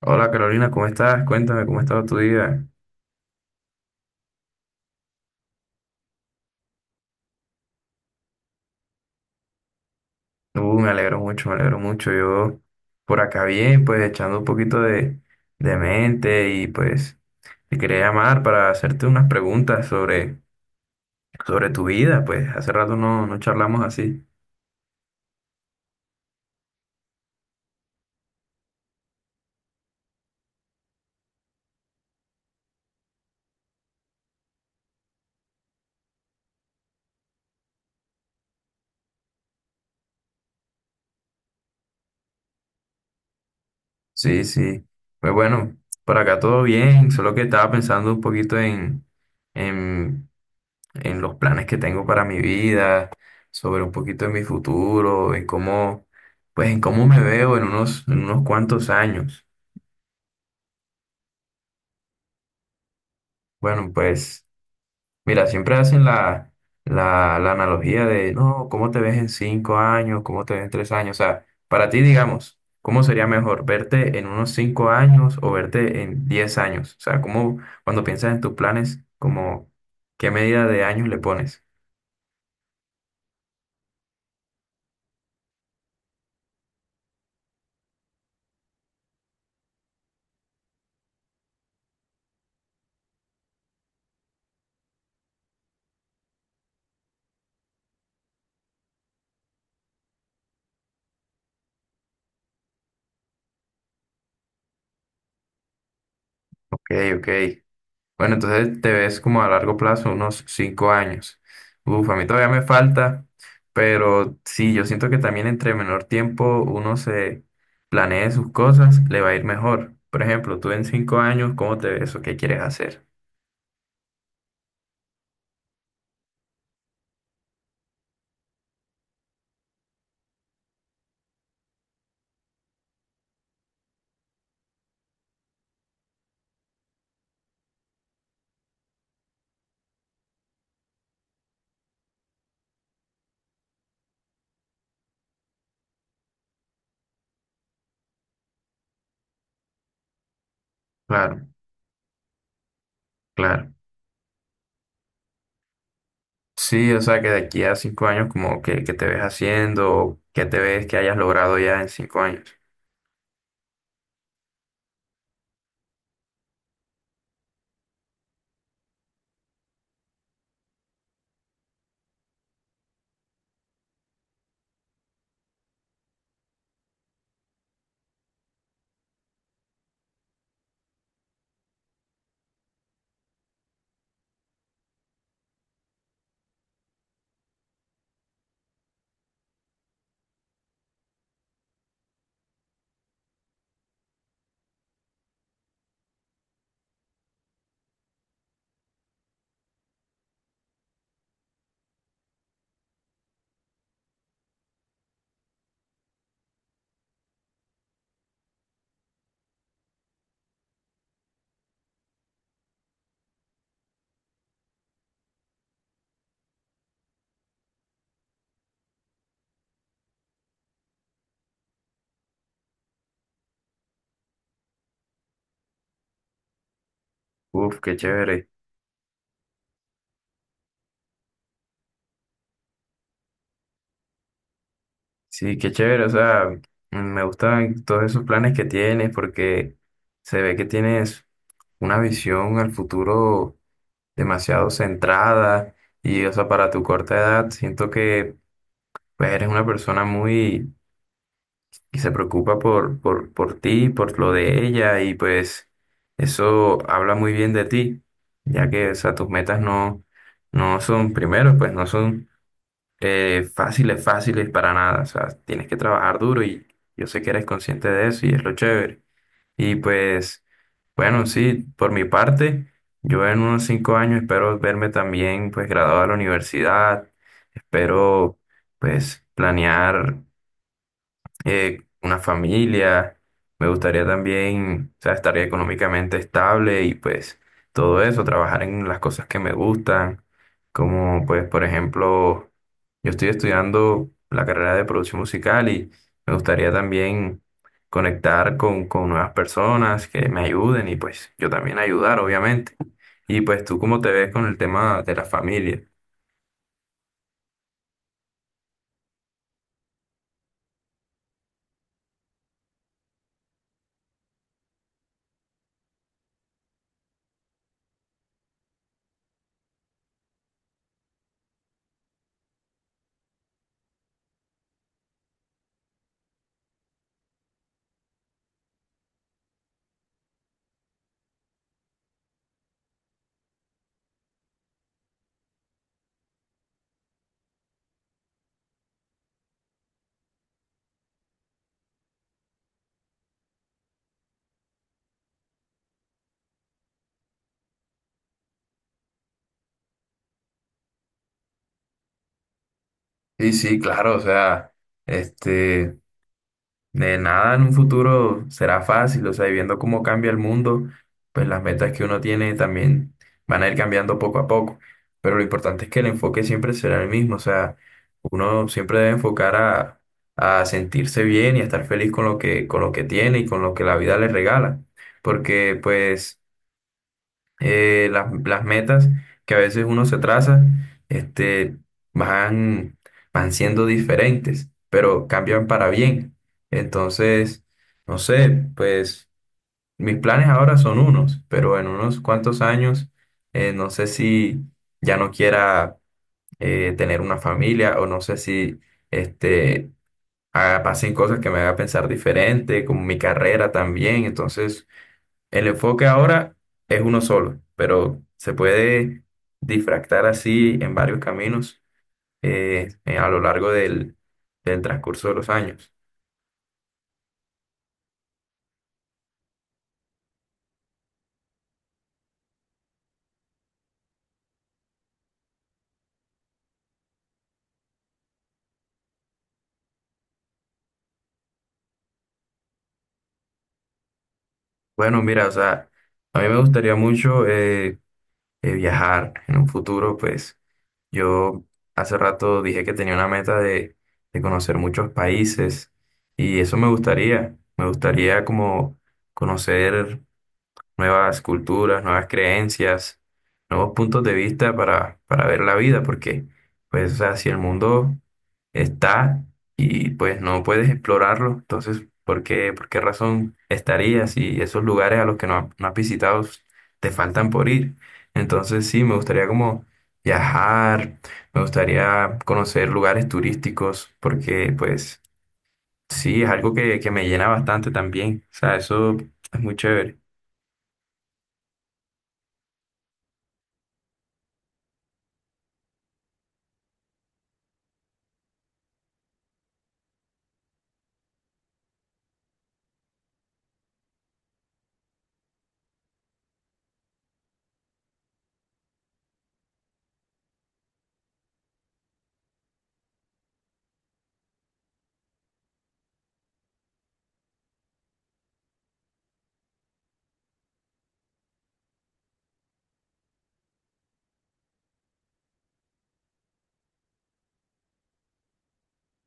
Hola Carolina, ¿cómo estás? Cuéntame, ¿cómo ha estado tu día? Me alegro mucho, me alegro mucho. Yo por acá bien, pues echando un poquito de mente y pues te quería llamar para hacerte unas preguntas sobre tu vida, pues hace rato no, no charlamos así. Sí, sí. Pues bueno, por acá todo bien, solo que estaba pensando un poquito en, en los planes que tengo para mi vida, sobre un poquito de mi futuro, en cómo, pues en cómo me veo en unos cuantos años. Bueno, pues. Mira, siempre hacen la analogía de, no, ¿cómo te ves en 5 años? ¿Cómo te ves en 3 años? O sea, para ti, digamos, ¿cómo sería mejor verte en unos 5 años o verte en 10 años? O sea, ¿cómo, cuando piensas en tus planes, como, qué medida de años le pones? Ok, ok. Bueno, entonces te ves como a largo plazo, unos 5 años. Uf, a mí todavía me falta, pero sí, yo siento que también entre menor tiempo uno se planee sus cosas, le va a ir mejor. Por ejemplo, tú en 5 años, ¿cómo te ves o qué quieres hacer? Claro, claro. Sí, o sea, que de aquí a 5 años, como que te ves haciendo, o qué te ves que hayas logrado ya en 5 años. Uf, qué chévere. Sí, qué chévere, o sea, me gustan todos esos planes que tienes porque se ve que tienes una visión al futuro demasiado centrada y, o sea, para tu corta edad, siento que pues, eres una persona muy que se preocupa por ti, por lo de ella y pues eso habla muy bien de ti, ya que, o sea, tus metas no, no son, primero, pues no son fáciles, fáciles para nada. O sea, tienes que trabajar duro y yo sé que eres consciente de eso y es lo chévere. Y pues, bueno, sí, por mi parte, yo en unos 5 años espero verme también pues graduado de la universidad. Espero pues planear una familia, me gustaría también, o sea, estar económicamente estable y pues todo eso, trabajar en las cosas que me gustan, como pues por ejemplo, yo estoy estudiando la carrera de producción musical y me gustaría también conectar con nuevas personas que me ayuden y pues yo también ayudar, obviamente. Y pues tú cómo te ves con el tema de la familia. Sí, sí, claro, o sea, este... de nada en un futuro será fácil, o sea, y viendo cómo cambia el mundo, pues las metas que uno tiene también van a ir cambiando poco a poco. Pero lo importante es que el enfoque siempre será el mismo, o sea, uno siempre debe enfocar a sentirse bien y a estar feliz con lo que tiene y con lo que la vida le regala. Porque pues las metas que a veces uno se traza, este, van, van siendo diferentes, pero cambian para bien. Entonces, no sé, pues mis planes ahora son unos, pero en unos cuantos años, no sé si ya no quiera tener una familia o no sé si este, pasen cosas que me haga pensar diferente, como mi carrera también. Entonces, el enfoque ahora es uno solo, pero se puede difractar así en varios caminos a lo largo del transcurso de los años. Bueno, mira, o sea, a mí me gustaría mucho viajar en un futuro, pues yo hace rato dije que tenía una meta de conocer muchos países y eso me gustaría como conocer nuevas culturas, nuevas creencias, nuevos puntos de vista para ver la vida, porque pues, o sea, si el mundo está y pues no puedes explorarlo, entonces, ¿por qué razón estarías si esos lugares a los que no, no has visitado te faltan por ir? Entonces, sí, me gustaría como viajar, me gustaría conocer lugares turísticos, porque pues sí, es algo que me llena bastante también, o sea, eso es muy chévere.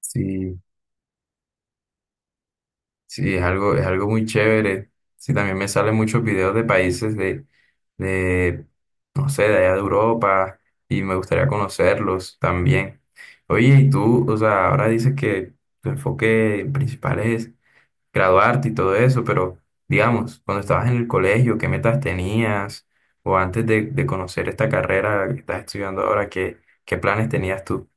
Sí. Sí, es algo muy chévere. Sí, también me salen muchos videos de países de, no sé, de allá de Europa y me gustaría conocerlos también. Oye, y tú, o sea, ahora dices que tu enfoque principal es graduarte y todo eso, pero digamos, cuando estabas en el colegio, ¿qué metas tenías? O antes de conocer esta carrera que estás estudiando ahora, ¿qué, planes tenías tú?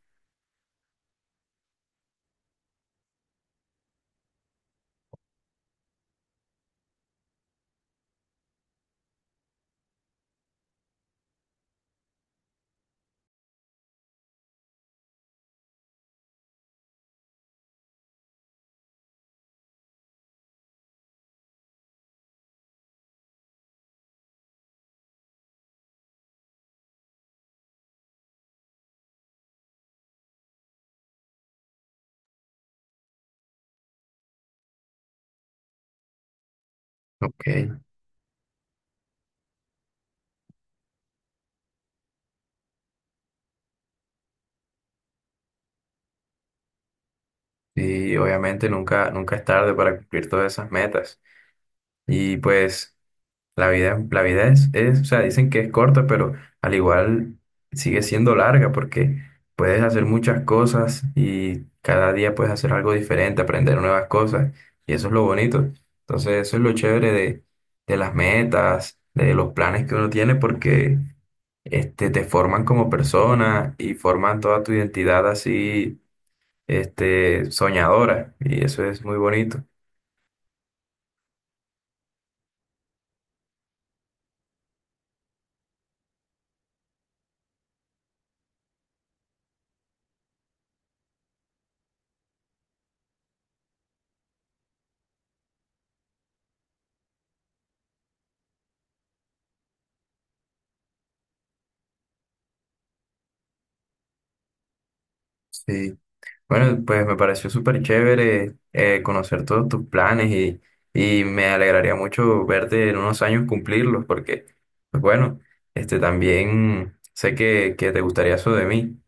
Ok, y obviamente nunca, nunca es tarde para cumplir todas esas metas. Y pues la vida es, o sea, dicen que es corta, pero al igual sigue siendo larga porque puedes hacer muchas cosas y cada día puedes hacer algo diferente, aprender nuevas cosas. Y eso es lo bonito. Entonces, eso es lo chévere de las metas, de los planes que uno tiene, porque te forman como persona y forman toda tu identidad así, soñadora. Y eso es muy bonito. Sí. Bueno, pues me pareció súper chévere conocer todos tus planes y me alegraría mucho verte en unos años cumplirlos porque, pues bueno, también sé que te gustaría eso de mí.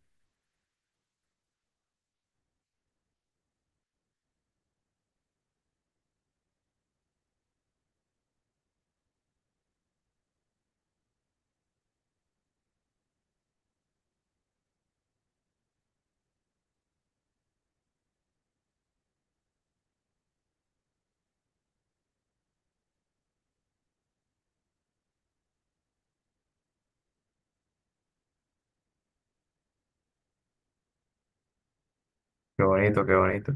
Qué bonito, qué bonito.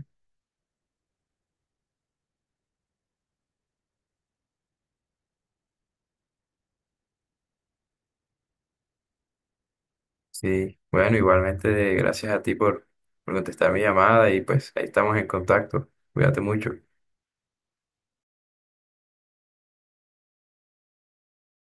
Sí, bueno, igualmente gracias a ti por contestar mi llamada y pues ahí estamos en contacto. Cuídate mucho.